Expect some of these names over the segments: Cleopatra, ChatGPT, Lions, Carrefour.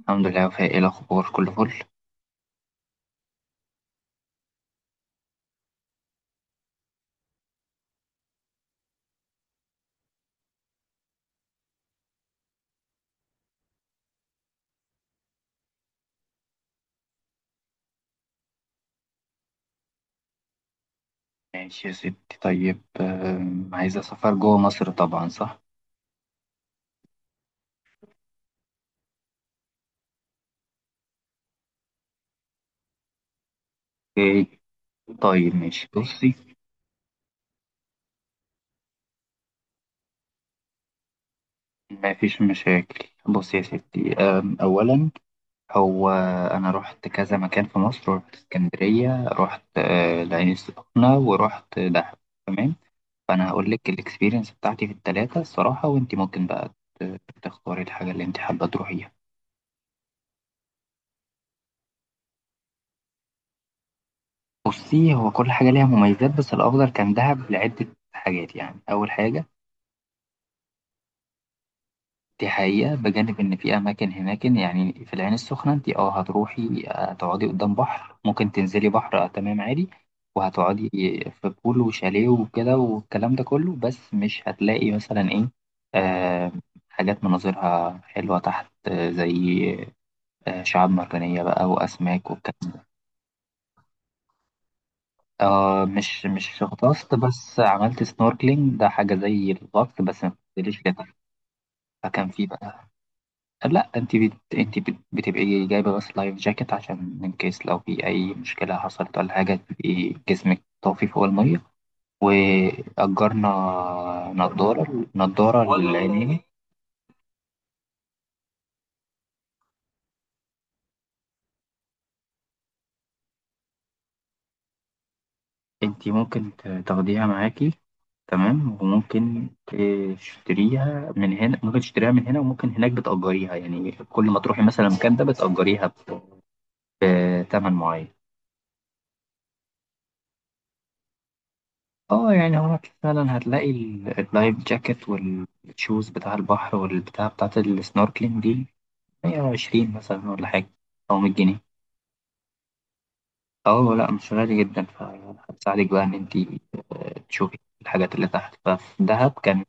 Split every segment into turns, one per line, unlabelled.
الحمد لله، وفاء. ايه الاخبار؟ كله فل. ماشي يا ستي. طيب، عايزه سفر جوه مصر طبعا، صح؟ ايه؟ طيب ماشي، بصي. ما فيش مشاكل. بصي يا ستي، اولا هو انا رحت كذا مكان في مصر. رحت اسكندريه، رحت العين السخنه، ورحت دهب. تمام. فانا هقول لك الاكسبيرينس بتاعتي في الثلاثه الصراحه، وانت ممكن بقى تختاري الحاجه اللي انت حابه تروحيها. بصي، هو كل حاجة ليها مميزات، بس الأفضل كان دهب لعدة حاجات، يعني أول حاجة. دي حقيقة، بجانب إن في أماكن هناك. يعني في العين السخنة أنت هتروحي، تقعدي قدام بحر، ممكن تنزلي بحر تمام، عادي. وهتقعدي في بول وشاليه وكده، والكلام ده كله. بس مش هتلاقي مثلا إيه آه حاجات مناظرها حلوة تحت، زي شعاب مرجانية بقى وأسماك والكلام. آه، مش غطست، بس عملت سنوركلينج. ده حاجة زي الغطس بس ما بتنزليش جبل. فكان في بقى. لا، بتبقي جايبة بس لايف جاكيت عشان ان كيس لو في اي مشكلة حصلت ولا حاجة تبقي جسمك طافي فوق المية. وأجرنا نضارة للعينين. انت ممكن تاخديها معاكي. تمام، وممكن تشتريها من هنا، ممكن تشتريها من هنا وممكن هناك بتأجريها. يعني كل ما تروحي مثلا المكان ده بتأجريها بتمن معين. اه، يعني هو فعلا هتلاقي اللايف جاكيت والشوز بتاع البحر والبتاع بتاعت السنوركلينج دي 120 مثلا، ولا حاجة، أو 100 جنيه. اه لا، مش غالي جدا. فهتساعدك بقى إن أنتي تشوفي الحاجات اللي تحت. ففي دهب كان.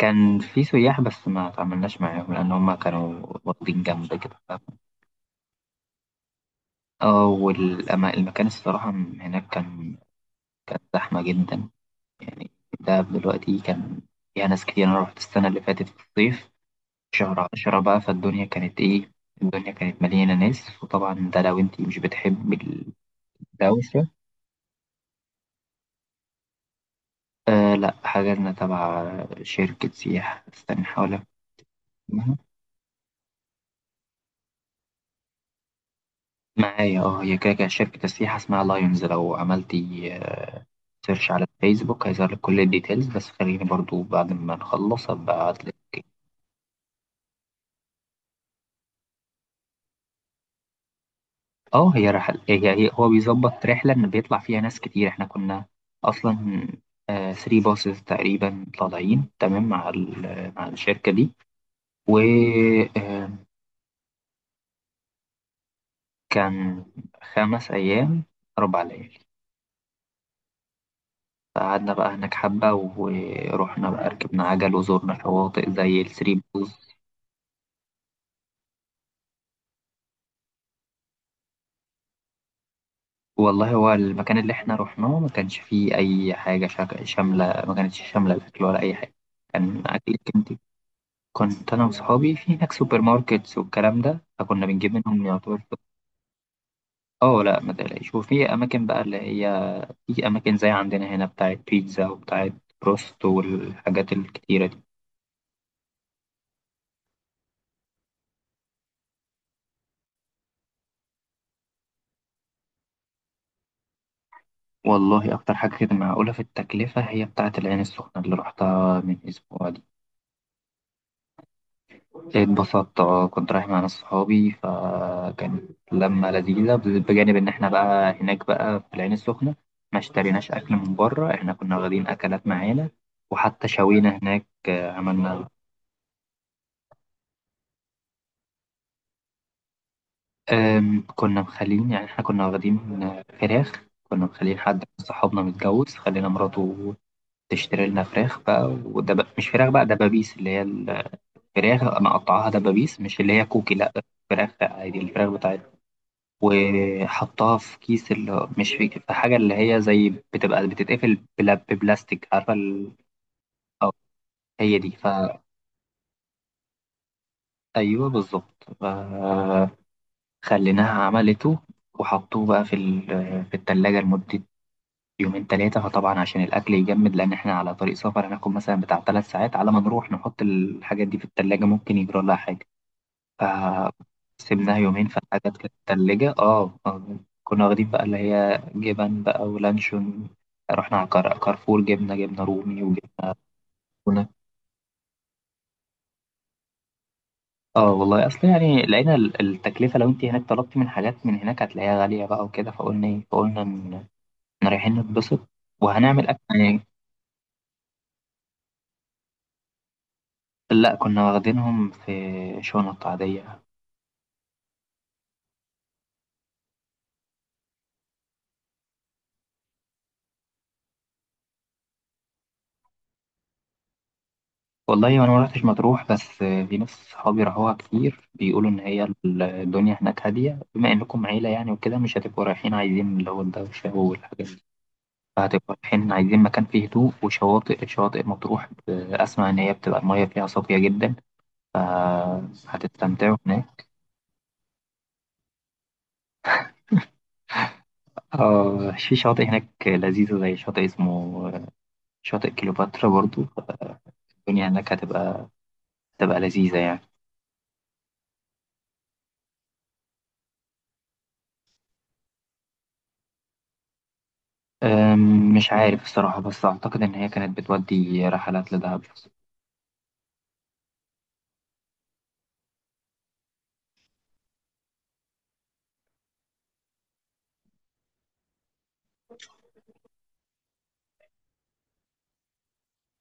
كان في سياح، بس ما تعاملناش معاهم لأن هما كانوا واخدين جنب كده. اه، المكان الصراحة هناك كان زحمة جدا يعني. دهب دلوقتي كان فيها ناس كتير. أنا رحت السنة اللي فاتت في الصيف، شهر 10 بقى. فالدنيا كانت إيه، الدنيا كانت مليانة ناس. وطبعا ده لو أنتي مش بتحب الدوشة. لأ، حجزنا تبع شركة سياحة. استنى أحاول أفتكرها. معايا، اه. هي كده كده شركة السياحة اسمها لايونز، لو عملتي سيرش على الفيسبوك هيظهر لك كل الديتيلز. بس خليني برضو بعد ما نخلص أبقى أبعتلك. اه، هي رحل هي هي هو بيظبط رحلة إن بيطلع فيها ناس كتير. احنا كنا أصلا ثري باصز تقريبا طالعين، تمام، مع الشركة دي. وكان 5 أيام، 4 ليالي. فقعدنا بقى هناك حبة، ورحنا بقى ركبنا عجل وزورنا شواطئ زي الثري بوز. والله هو المكان اللي احنا رحناه ما كانش فيه أي حاجة شاملة. ما كانتش شاملة الأكل ولا أي حاجة. كان أكل. كنت انا وصحابي في هناك سوبر ماركتس والكلام ده، فكنا بنجيب منهم يعتبر. اه لا، ما تقلقش. وفي اماكن بقى اللي هي، في اماكن زي عندنا هنا بتاعت بيتزا وبتاعت بروست والحاجات الكتيرة دي. والله اكتر حاجة كده معقولة في التكلفة هي بتاعت العين السخنة اللي رحتها من اسبوع دي. اتبسطت، اه. كنت رايح مع ناس صحابي فكانت لمة لذيذة، بجانب ان احنا بقى هناك بقى في العين السخنة ما اشتريناش اكل من بره، احنا كنا واخدين اكلات معانا. وحتى شوينا هناك عملنا. كنا مخلين يعني، احنا كنا واخدين فراخ. كنا مخلين حد من صحابنا متجوز، خلينا مراته تشتري لنا فراخ بقى، مش فراخ بقى، دبابيس، اللي هي الفراخ مقطعاها دبابيس، مش اللي هي كوكي، لا. فراخ عادي، الفراخ بتاعتها. وحطها في كيس، اللي مش في... في حاجة اللي هي زي بتبقى بتتقفل ببلاستيك، عارفة أو هي دي أيوه بالظبط خليناها عملته. وحطوه بقى في التلاجة لمدة يومين تلاتة. فطبعا عشان الأكل يجمد، لأن إحنا على طريق سفر هناخد مثلا بتاع 3 ساعات على ما نروح نحط الحاجات دي في التلاجة، ممكن يجرى لها حاجة. فسيبناها يومين، فالحاجات كانت في التلاجة. كنا واخدين بقى اللي هي جبن بقى ولانشون. رحنا على كارفور جبنا جبنة رومي وجبنة تونة. اه والله، أصل يعني لقينا التكلفة، لو أنت هناك طلبتي من حاجات من هناك هتلاقيها غالية بقى وكده. فقلنا إيه، فقلنا إن إحنا رايحين نتبسط وهنعمل أكل. لا، كنا واخدينهم في شنط عادية. والله أنا ما رحتش مطروح، بس في ناس صحابي راحوها كتير بيقولوا إن هي الدنيا هناك هادية. بما إنكم عيلة يعني وكده مش هتبقوا رايحين عايزين اللي هو الدوشة والحاجات دي، فهتبقوا رايحين عايزين مكان فيه هدوء. وشواطئ شواطئ مطروح، أسمع إن هي بتبقى المية فيها صافية جدا، فهتستمتعوا هناك. في شاطئ هناك لذيذة زي شاطئ اسمه آه، شاطئ كليوباترا. برضو الدنيا هناك هتبقى لذيذة يعني. مش عارف الصراحة، بس أعتقد إن هي كانت بتودي رحلات لدهب.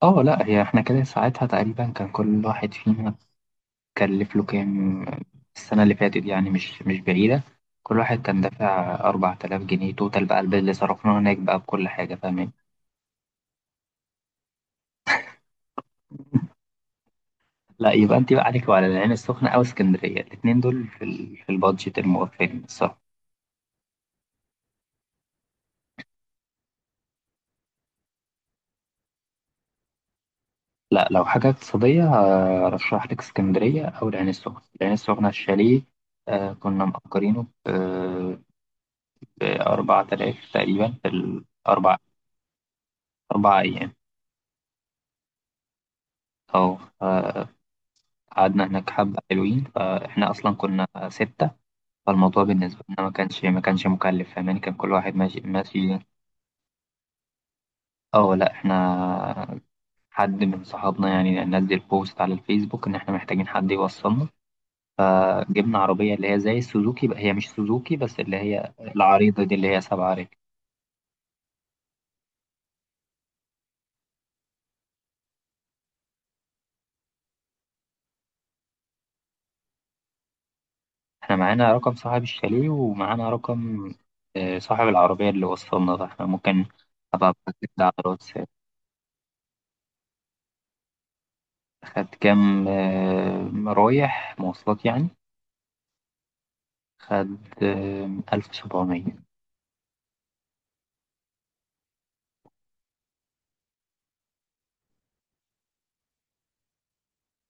اه لا، هي احنا كده ساعتها تقريبا كان كل واحد فينا كلف له كام. السنة اللي فاتت يعني، مش بعيدة. كل واحد كان دافع 4000 جنيه توتال بقى، البيل اللي صرفناه هناك بقى بكل حاجة، فاهمين. لا يبقى أنت بقى عليك وعلى العين السخنة أو اسكندرية، الاتنين دول في البادجت الموفرين الصراحة. لا، لو حاجة اقتصادية أرشح لك اسكندرية أو العين السخنة الشاليه كنا مأجرينه بأربع تلاف تقريبا، في الأربع 4 أيام. أو آه، قعدنا هناك حبة حلوين، فإحنا أصلا كنا ستة. فالموضوع بالنسبة لنا ما كانش مكلف، فاهماني، كان كل واحد ماشي ماشي. أه لأ، إحنا حد من صحابنا يعني نزل بوست على الفيسبوك إن إحنا محتاجين حد يوصلنا. فجبنا عربية اللي هي زي السوزوكي بقى، هي مش سوزوكي بس اللي هي العريضة دي اللي هي 7 رجل. احنا معانا رقم صاحب الشاليه، ومعانا رقم صاحب العربية اللي وصلنا ده. احنا ممكن أبقى أبعت لك ده على الواتساب. خد كام، رايح مواصلات يعني. خد 1700.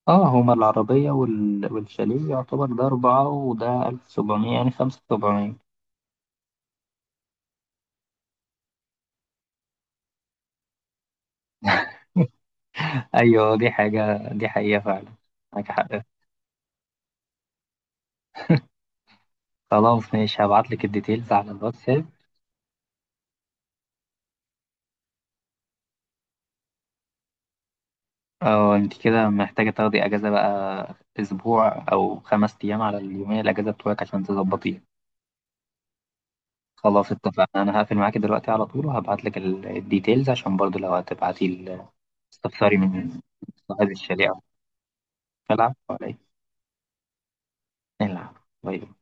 اه، هما العربية والشاليه يعتبر، ده أربعة وده 1700، يعني 5700. أيوة دي حاجة، دي حقيقة فعلا، معاك حق. خلاص ماشي، هبعت لك الديتيلز على الواتساب. اه، انت كده محتاجة تاخدي اجازة بقى، اسبوع او 5 ايام على اليومية الاجازة بتوعك عشان تظبطيها. خلاص اتفقنا، انا هقفل معاكي دلوقتي على طول وهبعت لك الديتيلز، عشان برضو لو هتبعتي تستفسري من صاحب الشاليه او القلعة ولا ايه نلعب. باي باي.